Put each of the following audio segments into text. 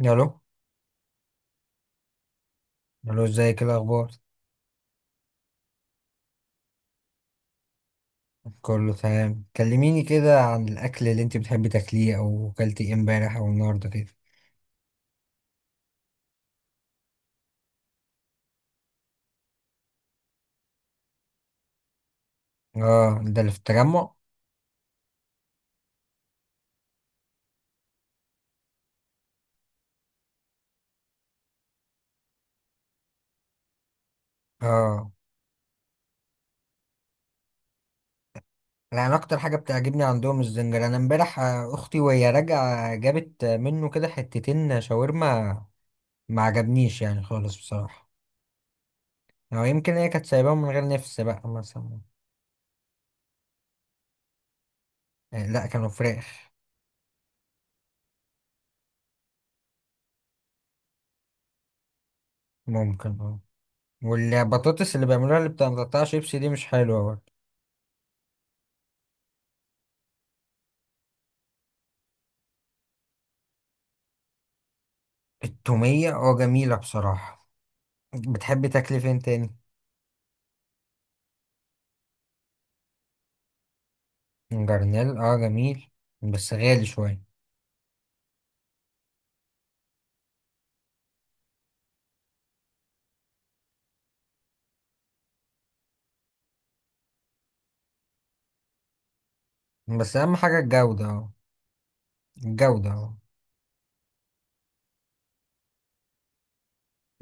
الو. الو، ازيك؟ إيه الاخبار؟ كله تمام. كلميني كده عن الاكل اللي انت بتحبي تاكليه، او اكلتي ايه امبارح او النهارده كده. اه، ده اللي في التجمع. اه، لا انا اكتر حاجه بتعجبني عندهم الزنجر. انا امبارح، اختي وهي راجعه جابت، منه كده حتتين شاورما. ما عجبنيش يعني خالص بصراحه. او يمكن هي كانت سايباهم من غير نفس بقى مثلا. لا، كانوا فراخ. ممكن اه. والبطاطس اللي بيعملوها اللي بتقطع شيبسي دي مش حلوه برضه. التومية اه جميلة بصراحة. بتحب تاكل فين تاني؟ جرنيل اه جميل، بس غالي شوية. بس أهم حاجة الجودة اه. الجودة اه.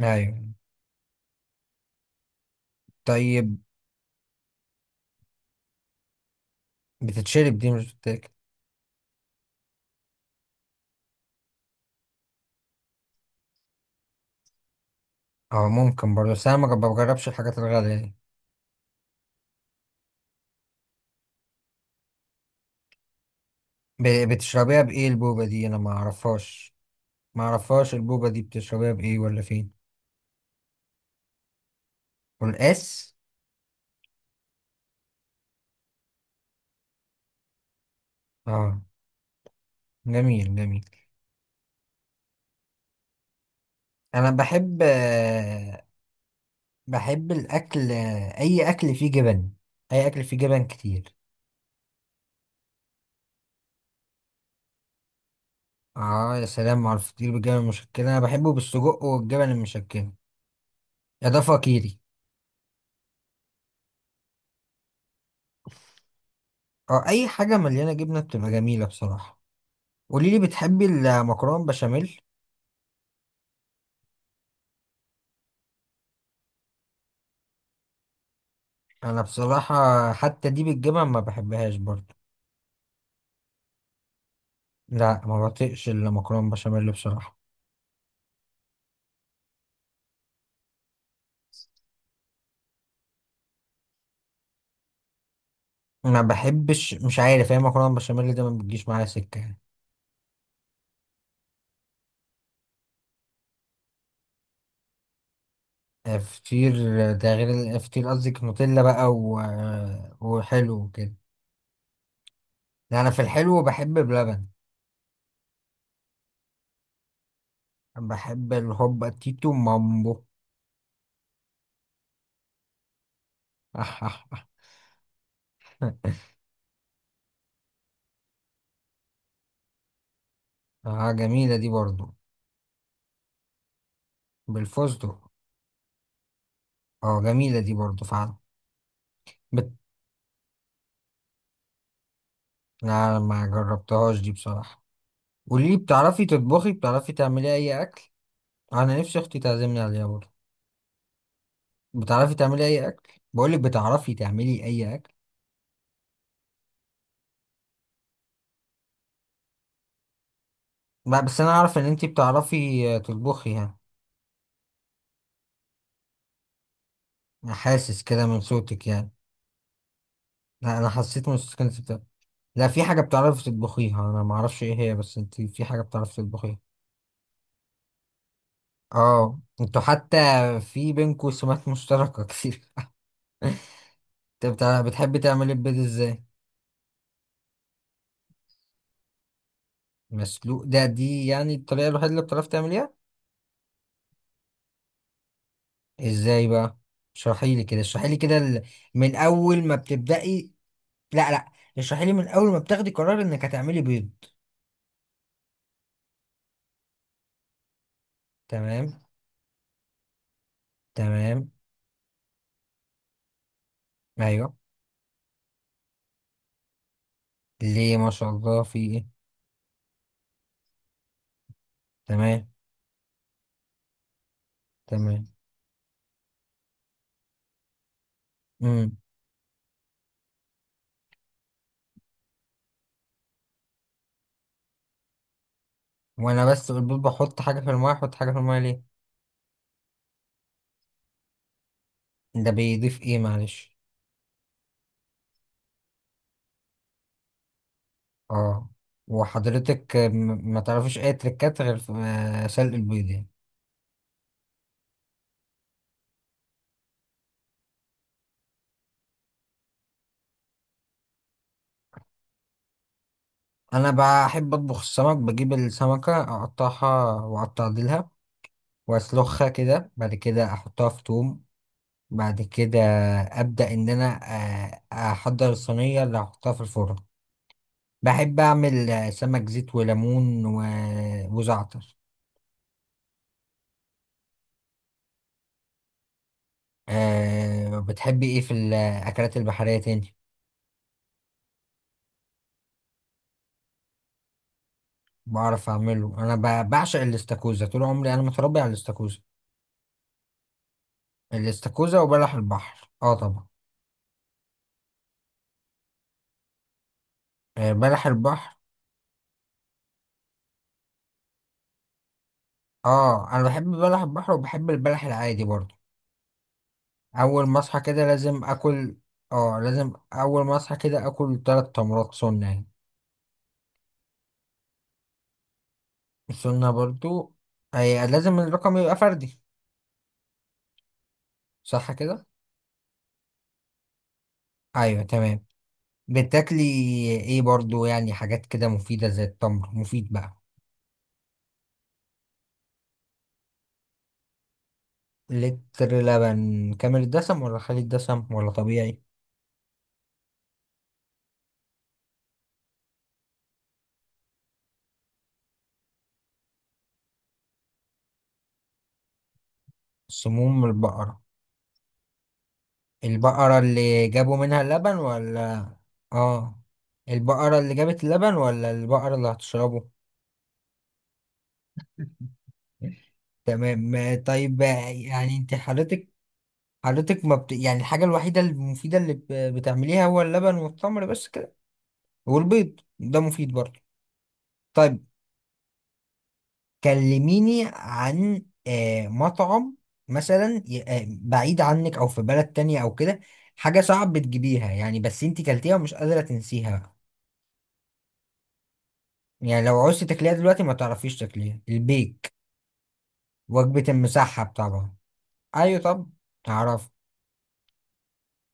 أيوة. طيب. بتتشرب دي، مش بتتاكل. اه، ممكن برضه، بس أنا ما بجربش الحاجات الغالية دي. بتشربيها بإيه البوبة دي؟ أنا ما أعرفهاش. ما أعرفهاش البوبة دي، بتشربيها بإيه ولا فين؟ والقاس. اه جميل جميل. أنا بحب. بحب الأكل. أي أكل فيه جبن. أي أكل فيه جبن كتير. آه، يا سلام على الفطير بالجبن المشكلة. أنا بحبه بالسجق والجبن المشكلة. يا ده فقيري. أه، أي حاجة مليانة جبنة بتبقى جميلة بصراحة. قوليلي، بتحبي المكرونة بشاميل؟ أنا بصراحة حتى دي بالجبن ما بحبهاش برضه. لا، ما بطيقش المكرونة بشاميل بصراحة. ما بحبش، مش عارف، هي المكرونة بشاميل ده ما بتجيش معايا سكة. فطير. ده غير فطير قصدك نوتيلا بقى و... آه، وحلو وكده. لا، انا في الحلو بحب بلبن. بحب الهوبا تيتو مامبو. اه جميلة دي برضو. بالفستق. اه جميلة دي برضو فعلا. بت... لا ما جربتهاش دي بصراحة. قولي، بتعرفي تطبخي؟ بتعرفي تعملي اي اكل؟ انا نفسي اختي تعزمني عليها برضو. بتعرفي تعملي اي اكل؟ بقولك، بتعرفي تعملي اي اكل؟ لا، بس انا اعرف ان انتي بتعرفي تطبخي يعني. انا حاسس كده من صوتك يعني. لا، انا حسيت من صوتك إن انت لا، في حاجه بتعرفي تطبخيها انا ما اعرفش ايه هي، بس انت في حاجه بتعرفي تطبخيها. اه، انتوا حتى في بينكوا سمات مشتركه كتير. انت بتحبي تعملي البيض ازاي؟ مسلوق، ده دي يعني الطريقه الوحيده اللي بتعرفي تعمليها؟ ازاي بقى؟ اشرحي لي كده، اشرحي لي كده من اول ما بتبدأي. لا، اشرحي لي من اول ما بتاخدي قرار انك هتعملي بيض. تمام. تمام. ايوه. ليه؟ ما شاء الله، في ايه؟ تمام. تمام. امم وانا بس البيض بحط حاجه في المايه؟ احط حاجه في المايه ليه؟ ده بيضيف ايه معلش؟ اه، وحضرتك ما تعرفيش اي تريكات غير في سلق البيض يعني؟ انا بحب اطبخ السمك. بجيب السمكه اقطعها واقطع ديلها، واسلخها كده، بعد كده احطها في توم، بعد كده ابدا ان انا آه، احضر الصينيه اللي هحطها في الفرن. بحب اعمل سمك زيت وليمون وزعتر. أه، بتحبي ايه في الاكلات البحريه تاني؟ بعرف اعمله انا. بعشق الاستاكوزا طول عمري، انا متربي على الاستاكوزا. الاستاكوزا وبلح البحر اه طبعا. أه، بلح البحر. اه، انا بحب بلح البحر وبحب البلح العادي برضه. اول ما اصحى كده لازم اكل. اه، لازم اول ما اصحى كده اكل ثلاث تمرات سنه يعني. السنه برضه. أي لازم الرقم يبقى فردي، صح كده؟ ايوه تمام. بتاكلي ايه برضه يعني حاجات كده مفيده زي التمر مفيد بقى؟ لتر لبن كامل الدسم ولا خالي الدسم ولا طبيعي؟ سموم البقرة؟ البقرة اللي جابوا منها اللبن ولا؟ اه، البقرة اللي جابت اللبن ولا البقرة اللي هتشربه؟ تمام. طيب، يعني انت حضرتك، حضرتك ما بت... يعني الحاجة الوحيدة المفيدة اللي بتعمليها هو اللبن والتمر بس كده والبيض ده مفيد برضه؟ طيب. كلميني عن مطعم مثلا، بعيد عنك او في بلد تانية او كده. حاجة صعب بتجيبيها يعني، بس انتي كلتيها ومش قادرة تنسيها بقى. يعني لو عوزتي تاكليها دلوقتي ما تعرفيش تاكليها. البيك. وجبة المسحب طبعا. ايوه. طب، تعرف،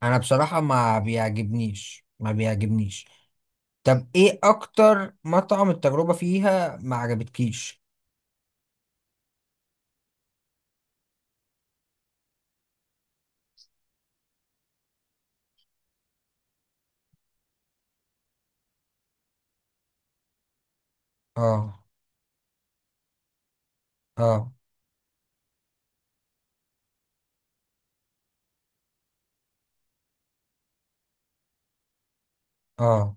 انا بصراحة ما بيعجبنيش. طب ايه اكتر مطعم التجربة فيها ما عجبتكيش؟ اه اه اه،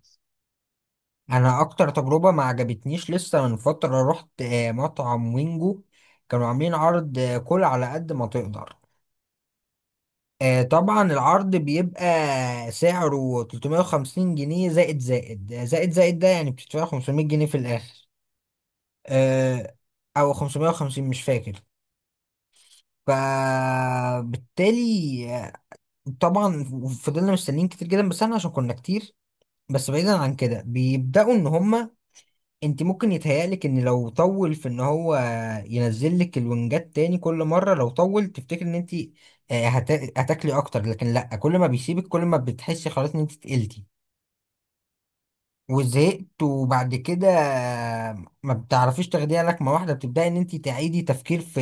انا اكتر تجربه ما عجبتنيش لسه من فتره رحت مطعم وينجو. كانوا عاملين عرض كل على قد ما تقدر. طبعا العرض بيبقى سعره 350 جنيه زائد زائد زائد زائد، ده يعني بتدفع 500 جنيه في الاخر. آه، او 550، مش فاكر. فبالتالي طبعا فضلنا مستنيين كتير جدا بس احنا عشان كنا كتير. بس بعيدا عن كده، بيبداوا ان هما، انت ممكن يتهيألك ان لو طول، في ان هو ينزل لك الونجات تاني كل مره لو طول تفتكر ان انت آه، هت- هتاكلي اكتر، لكن لا. كل ما بيسيبك كل ما بتحسي خلاص ان انت تقلتي وزهقت، وبعد كده ما بتعرفيش تاخديها لكمه واحده، بتبداي ان انت تعيدي تفكير في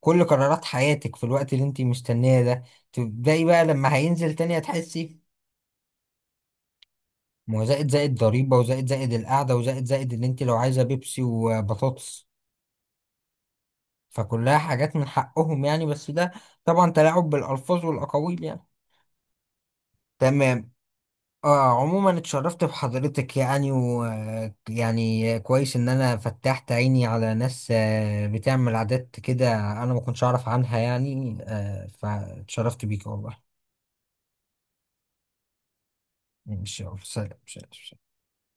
كل قرارات حياتك في الوقت اللي انت مستنيه ده. تبداي بقى لما هينزل تاني هتحسي. ما هو زائد زائد ضريبه، وزائد زائد القعده، وزائد زائد ان انت لو عايزه بيبسي وبطاطس. فكلها حاجات من حقهم يعني، بس ده طبعا تلاعب بالألفاظ والأقاويل يعني. تمام. آه، عموما اتشرفت بحضرتك يعني، و يعني كويس إن أنا فتحت عيني على ناس بتعمل عادات كده أنا ما كنتش أعرف عنها يعني. آه، فاتشرفت بيك والله. إن شاء الله. سلام سلام.